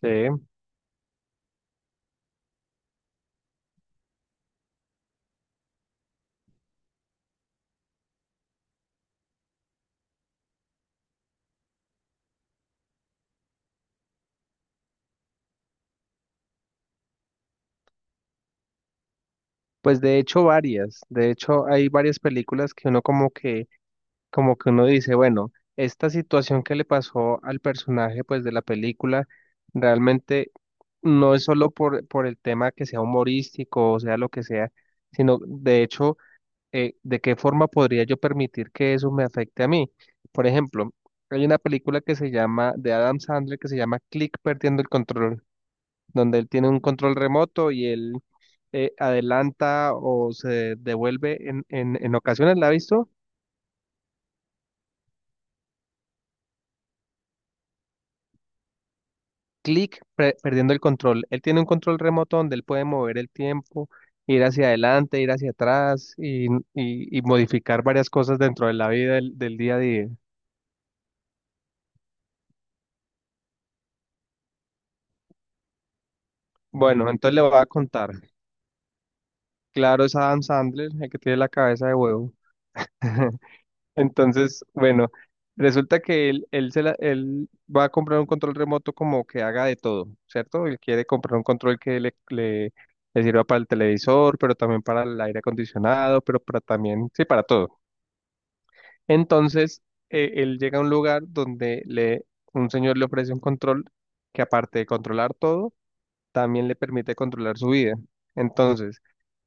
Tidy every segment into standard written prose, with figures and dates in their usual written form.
Sí, pues de hecho varias, de hecho hay varias películas que uno como que uno dice, bueno, esta situación que le pasó al personaje pues de la película realmente no es solo por el tema que sea humorístico o sea lo que sea, sino de hecho, de qué forma podría yo permitir que eso me afecte a mí. Por ejemplo, hay una película que se llama, de Adam Sandler, que se llama Click Perdiendo el Control, donde él tiene un control remoto y él adelanta o se devuelve en ocasiones, la ha visto, clic, perdiendo el control. Él tiene un control remoto donde él puede mover el tiempo, ir hacia adelante, ir hacia atrás y modificar varias cosas dentro de la vida del día a día. Bueno, entonces le voy a contar. Claro, es Adam Sandler, el que tiene la cabeza de huevo. Entonces, bueno, resulta que él va a comprar un control remoto como que haga de todo, ¿cierto? Él quiere comprar un control que le sirva para el televisor, pero también para el aire acondicionado, pero para también, sí, para todo. Entonces, él llega a un lugar donde le, un señor le ofrece un control que aparte de controlar todo, también le permite controlar su vida. Entonces,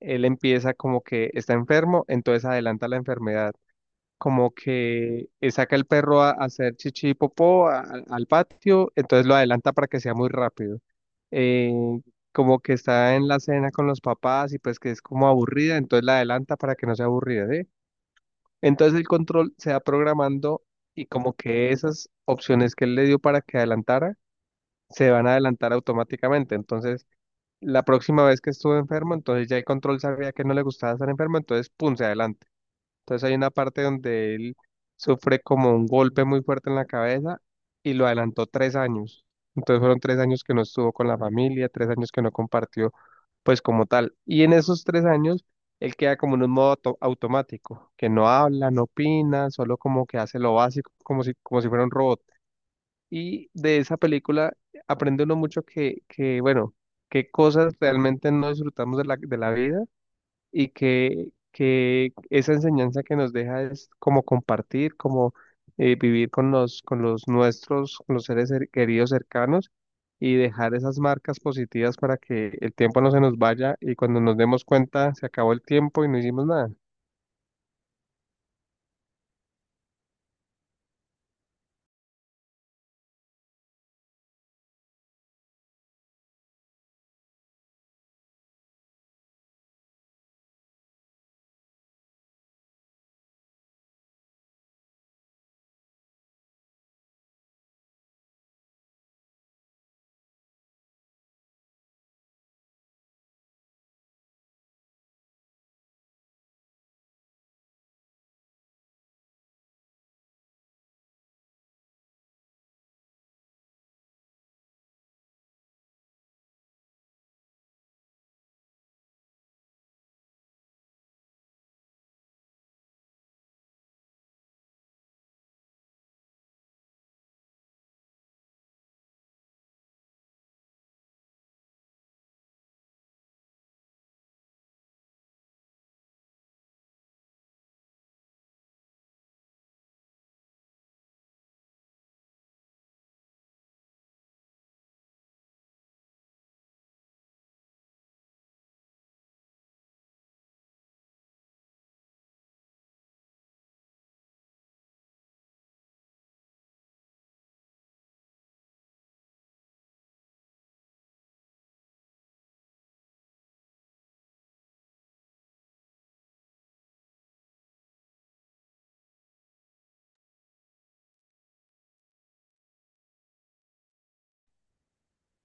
él empieza como que está enfermo, entonces adelanta la enfermedad como que saca el perro a hacer chichi y popó al patio, entonces lo adelanta para que sea muy rápido. Eh, como que está en la cena con los papás y pues que es como aburrida, entonces la adelanta para que no sea aburrida, ¿sí? Entonces el control se va programando y como que esas opciones que él le dio para que adelantara, se van a adelantar automáticamente. Entonces, la próxima vez que estuvo enfermo, entonces ya el control sabía que no le gustaba estar enfermo, entonces, ¡pum!, se adelanta. Entonces hay una parte donde él sufre como un golpe muy fuerte en la cabeza y lo adelantó tres años. Entonces fueron tres años que no estuvo con la familia, tres años que no compartió, pues como tal. Y en esos tres años, él queda como en un modo automático, que no habla, no opina, solo como que hace lo básico, como si fuera un robot. Y de esa película aprende uno mucho que bueno, qué cosas realmente no disfrutamos de la vida y que esa enseñanza que nos deja es como compartir, como vivir con los nuestros, con los seres queridos cercanos y dejar esas marcas positivas para que el tiempo no se nos vaya y cuando nos demos cuenta se acabó el tiempo y no hicimos nada.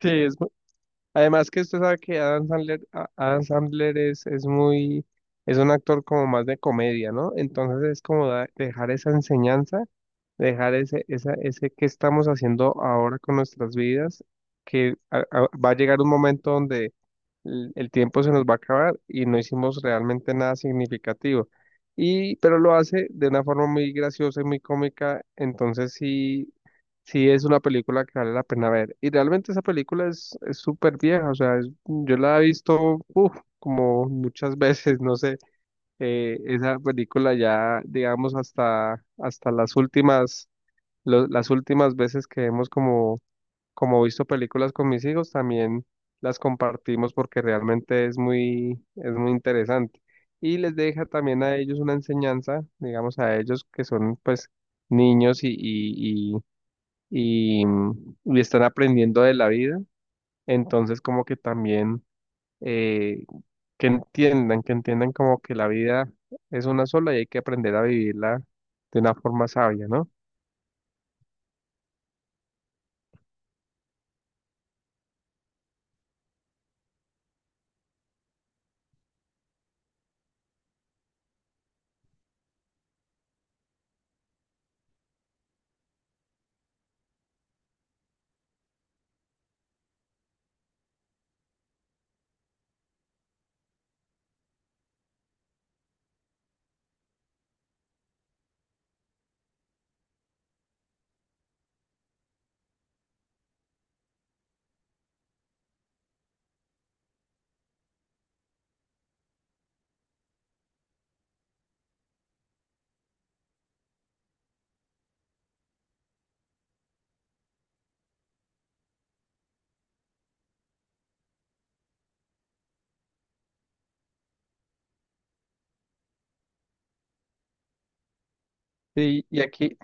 Sí, es, además que usted sabe que Adam Sandler, Adam Sandler es muy, es un actor como más de comedia, ¿no? Entonces es como dejar esa enseñanza, dejar ese que estamos haciendo ahora con nuestras vidas, que va a llegar un momento donde el tiempo se nos va a acabar y no hicimos realmente nada significativo. Y, pero lo hace de una forma muy graciosa y muy cómica, entonces sí, sí es una película que vale la pena ver. Y realmente esa película es súper vieja, o sea, es- yo la he visto uf, como muchas veces, no sé, esa película ya, digamos, hasta las últimas, las últimas veces que vemos como como he visto películas con mis hijos, también las compartimos porque realmente es muy interesante. Y les deja también a ellos una enseñanza, digamos a ellos que son pues niños y están aprendiendo de la vida. Entonces como que también eh, que entiendan como que la vida es una sola y hay que aprender a vivirla de una forma sabia, ¿no? Y, y aquí,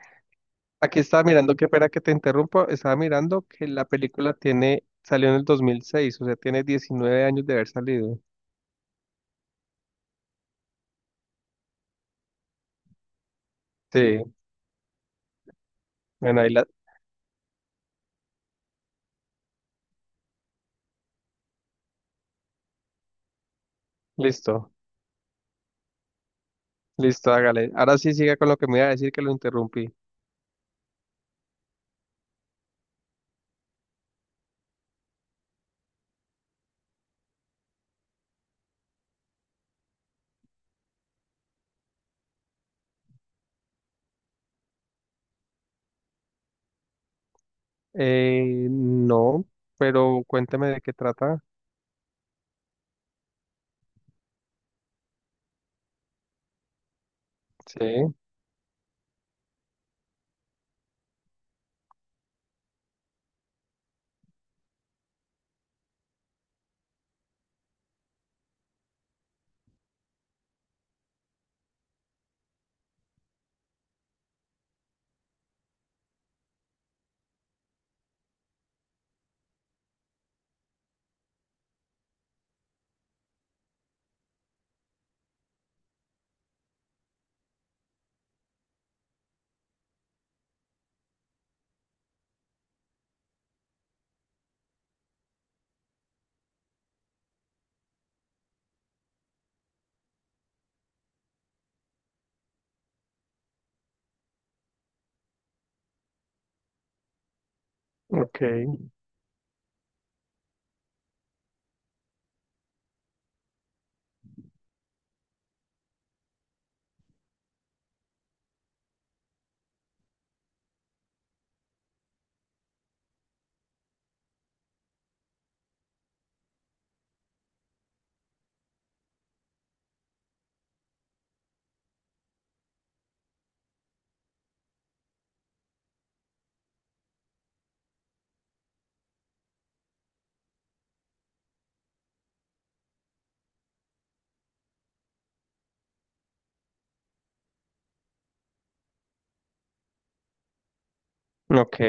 Aquí estaba mirando, qué pena que te interrumpa, estaba mirando que la película tiene, salió en el 2006, o sea, tiene 19 años de haber salido. Sí, bueno, ahí la, listo, listo, hágale. Ahora sí siga con lo que me iba a decir que lo interrumpí. No, pero cuéntame de qué trata. Sí, ok, ok,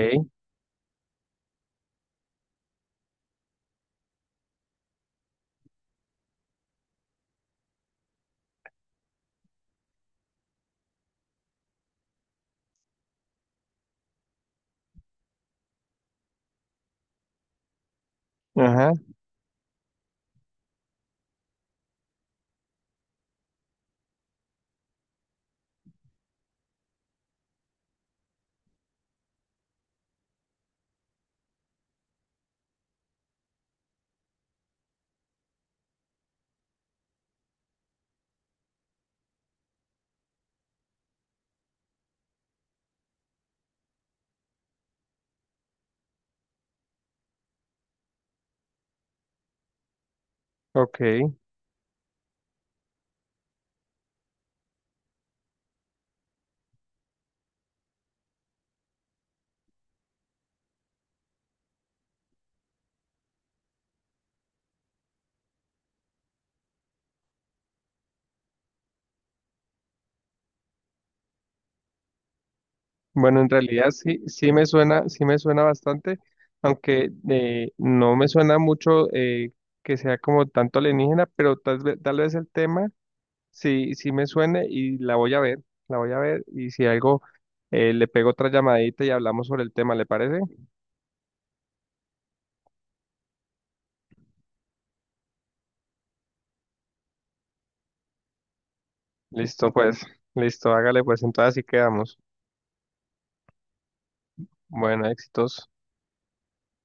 ajá, ok. Bueno, en realidad sí, sí me suena bastante, aunque no me suena mucho que sea como tanto alienígena, pero tal vez el tema sí, sí me suene y la voy a ver, la voy a ver y si algo le pego otra llamadita y hablamos sobre el tema, ¿le parece? Listo, pues, listo, hágale pues, entonces así quedamos. Bueno, éxitos.